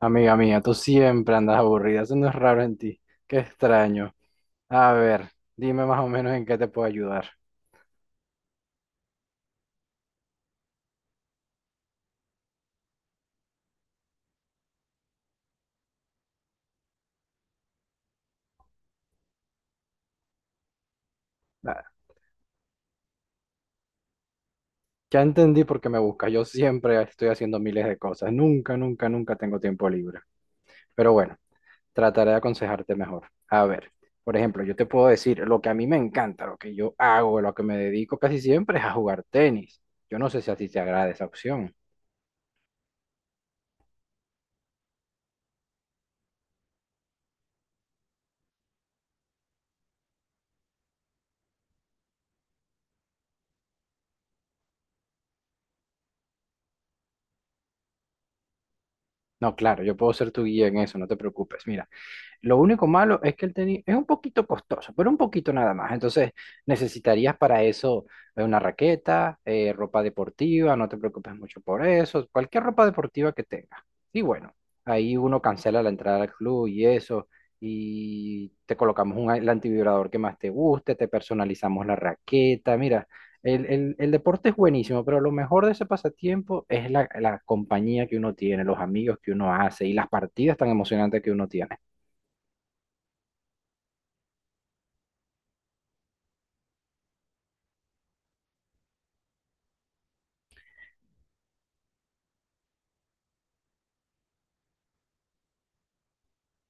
Amiga mía, tú siempre andas aburrida, eso no es raro en ti. Qué extraño. A ver, dime más o menos en qué te puedo ayudar. Ah, Ya entendí por qué me buscas. Yo siempre estoy haciendo miles de cosas. Nunca, nunca, nunca tengo tiempo libre. Pero bueno, trataré de aconsejarte mejor. A ver, por ejemplo, yo te puedo decir lo que a mí me encanta, lo que yo hago, lo que me dedico casi siempre es a jugar tenis. Yo no sé si a ti te agrada esa opción. No, claro, yo puedo ser tu guía en eso, no te preocupes. Mira. Lo único malo es que el tenis es un poquito costoso, pero un poquito nada más. Entonces necesitarías para eso una raqueta, ropa deportiva, no te preocupes mucho por eso, cualquier ropa deportiva que tengas. Y bueno, ahí uno cancela la entrada al club y eso, y te colocamos el antivibrador que más te guste, te personalizamos la raqueta. Mira, el deporte es buenísimo, pero lo mejor de ese pasatiempo es la compañía que uno tiene, los amigos que uno hace y las partidas tan emocionantes que uno tiene.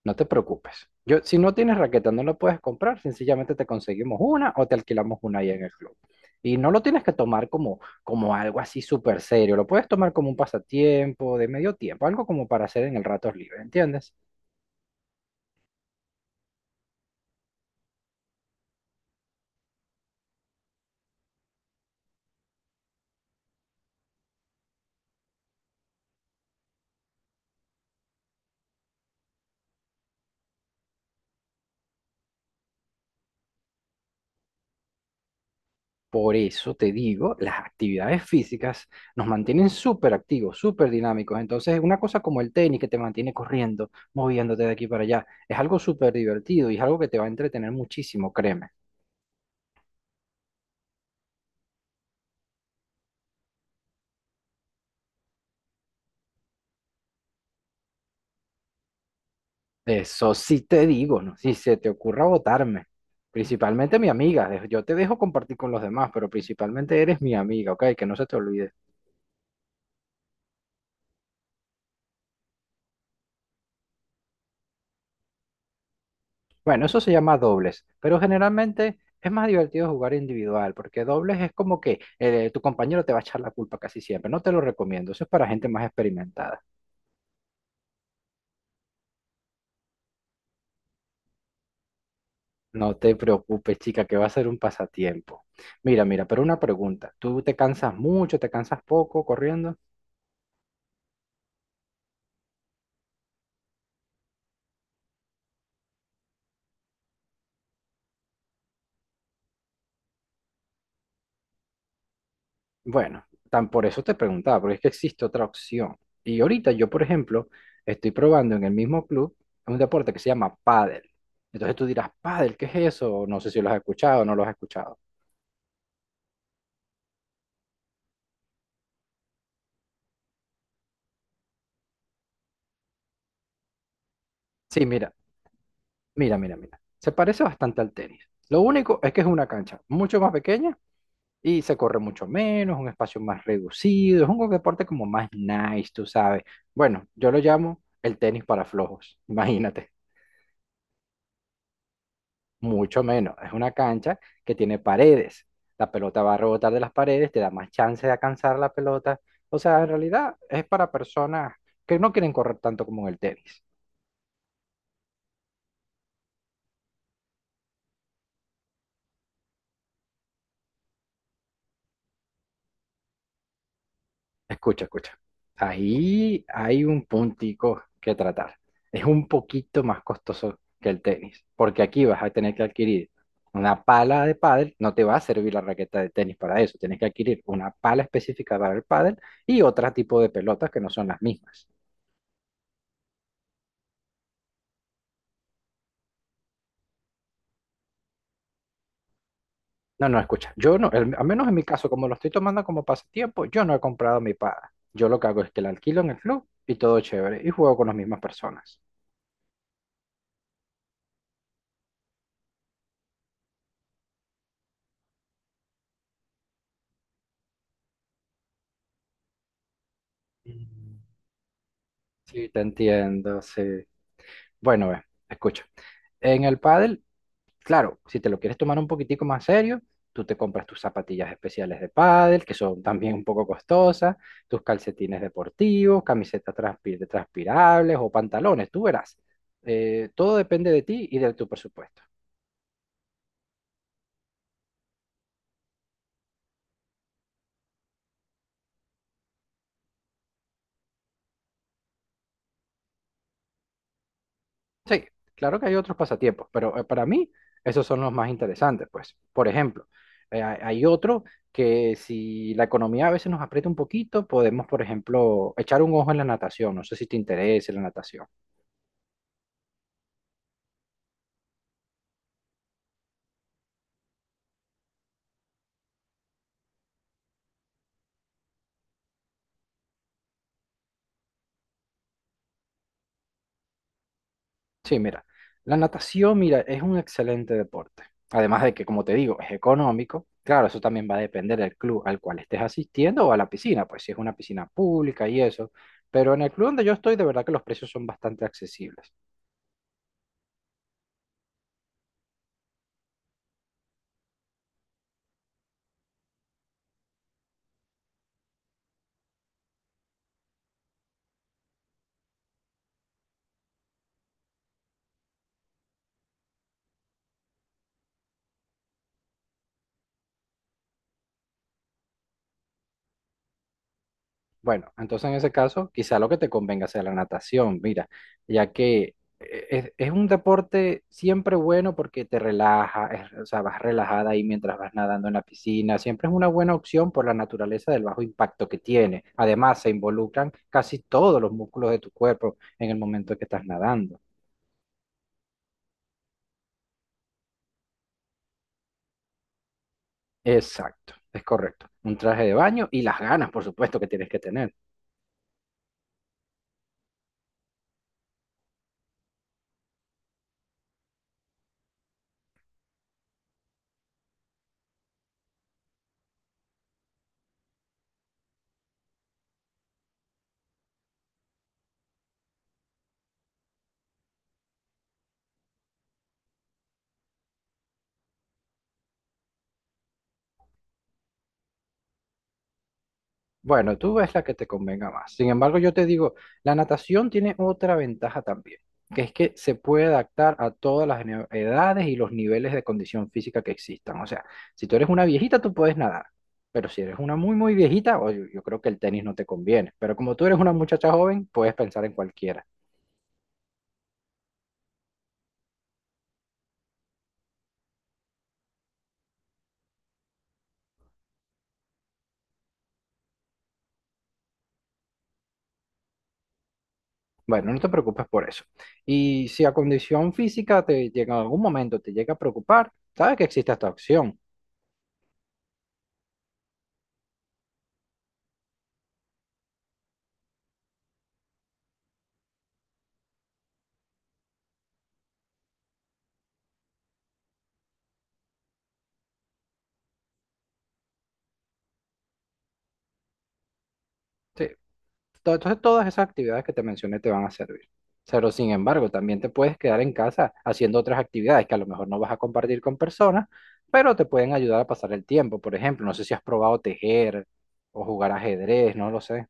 No te preocupes. Yo, si no tienes raqueta, no la puedes comprar, sencillamente te conseguimos una o te alquilamos una ahí en el club. Y no lo tienes que tomar como, como algo así súper serio, lo puedes tomar como un pasatiempo de medio tiempo, algo como para hacer en el rato libre, ¿entiendes? Por eso te digo, las actividades físicas nos mantienen súper activos, súper dinámicos. Entonces, una cosa como el tenis que te mantiene corriendo, moviéndote de aquí para allá, es algo súper divertido y es algo que te va a entretener muchísimo, créeme. Eso sí te digo, ¿no? Si se te ocurra votarme, principalmente mi amiga, yo te dejo compartir con los demás, pero principalmente eres mi amiga, ¿ok? Que no se te olvide. Bueno, eso se llama dobles, pero generalmente es más divertido jugar individual, porque dobles es como que tu compañero te va a echar la culpa casi siempre, no te lo recomiendo, eso es para gente más experimentada. No te preocupes, chica, que va a ser un pasatiempo. Mira, mira, pero una pregunta, ¿tú te cansas mucho, te cansas poco corriendo? Bueno, tan por eso te preguntaba, porque es que existe otra opción. Y ahorita yo, por ejemplo, estoy probando en el mismo club un deporte que se llama pádel. Entonces tú dirás, pádel, ¿qué es eso? No sé si lo has escuchado o no lo has escuchado. Sí, mira. Se parece bastante al tenis. Lo único es que es una cancha mucho más pequeña y se corre mucho menos, un espacio más reducido, es un deporte como más nice, tú sabes. Bueno, yo lo llamo el tenis para flojos, imagínate. Mucho menos. Es una cancha que tiene paredes. La pelota va a rebotar de las paredes, te da más chance de alcanzar la pelota. O sea, en realidad es para personas que no quieren correr tanto como en el tenis. Escucha, escucha. Ahí hay un puntico que tratar. Es un poquito más costoso que el tenis, porque aquí vas a tener que adquirir una pala de pádel. No te va a servir la raqueta de tenis para eso. Tienes que adquirir una pala específica para el pádel y otro tipo de pelotas que no son las mismas. No, no, escucha, yo no, al menos en mi caso, como lo estoy tomando como pasatiempo, yo no he comprado mi paga. Yo lo que hago es que la alquilo en el club y todo chévere, y juego con las mismas personas. Mm. Sí, te entiendo, sí. Bueno, ve, escucha. En el pádel, claro, si te lo quieres tomar un poquitico más serio, tú te compras tus zapatillas especiales de pádel, que son también un poco costosas, tus calcetines deportivos, camisetas transpirables o pantalones, tú verás. Todo depende de ti y de tu presupuesto. Sí, claro que hay otros pasatiempos, pero para mí esos son los más interesantes, pues. Por ejemplo, hay otro que si la economía a veces nos aprieta un poquito, podemos, por ejemplo, echar un ojo en la natación. No sé si te interesa la natación. Sí, mira, la natación, mira, es un excelente deporte. Además de que, como te digo, es económico. Claro, eso también va a depender del club al cual estés asistiendo o a la piscina, pues si es una piscina pública y eso. Pero en el club donde yo estoy, de verdad que los precios son bastante accesibles. Bueno, entonces en ese caso, quizá lo que te convenga sea la natación, mira, ya que es un deporte siempre bueno porque te relaja, o sea, vas relajada ahí mientras vas nadando en la piscina, siempre es una buena opción por la naturaleza del bajo impacto que tiene. Además, se involucran casi todos los músculos de tu cuerpo en el momento que estás nadando. Exacto, es correcto. Un traje de baño y las ganas, por supuesto, que tienes que tener. Bueno, tú ves la que te convenga más. Sin embargo, yo te digo, la natación tiene otra ventaja también, que es que se puede adaptar a todas las edades y los niveles de condición física que existan. O sea, si tú eres una viejita, tú puedes nadar, pero si eres una muy, muy viejita, oye, yo, creo que el tenis no te conviene. Pero como tú eres una muchacha joven, puedes pensar en cualquiera. Bueno, no te preocupes por eso. Y si a condición física te llega en algún momento, te llega a preocupar, sabes que existe esta opción. Sí, entonces todas esas actividades que te mencioné te van a servir. Pero sin embargo, también te puedes quedar en casa haciendo otras actividades que a lo mejor no vas a compartir con personas, pero te pueden ayudar a pasar el tiempo. Por ejemplo, no sé si has probado tejer o jugar ajedrez, no lo sé.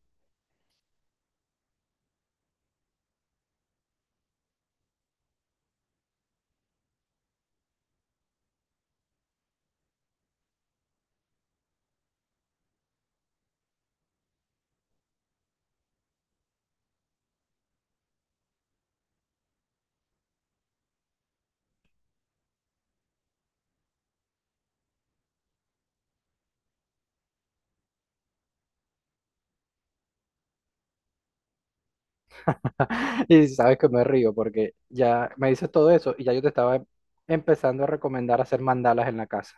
Y sabes que me río porque ya me dices todo eso y ya yo te estaba empezando a recomendar hacer mandalas en la casa.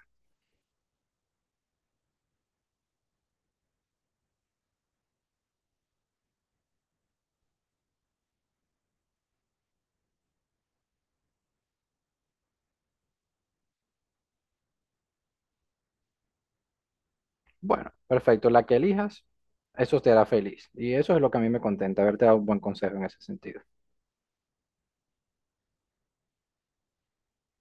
Bueno, perfecto, la que elijas, eso te hará feliz. Y eso es lo que a mí me contenta, haberte dado un buen consejo en ese sentido.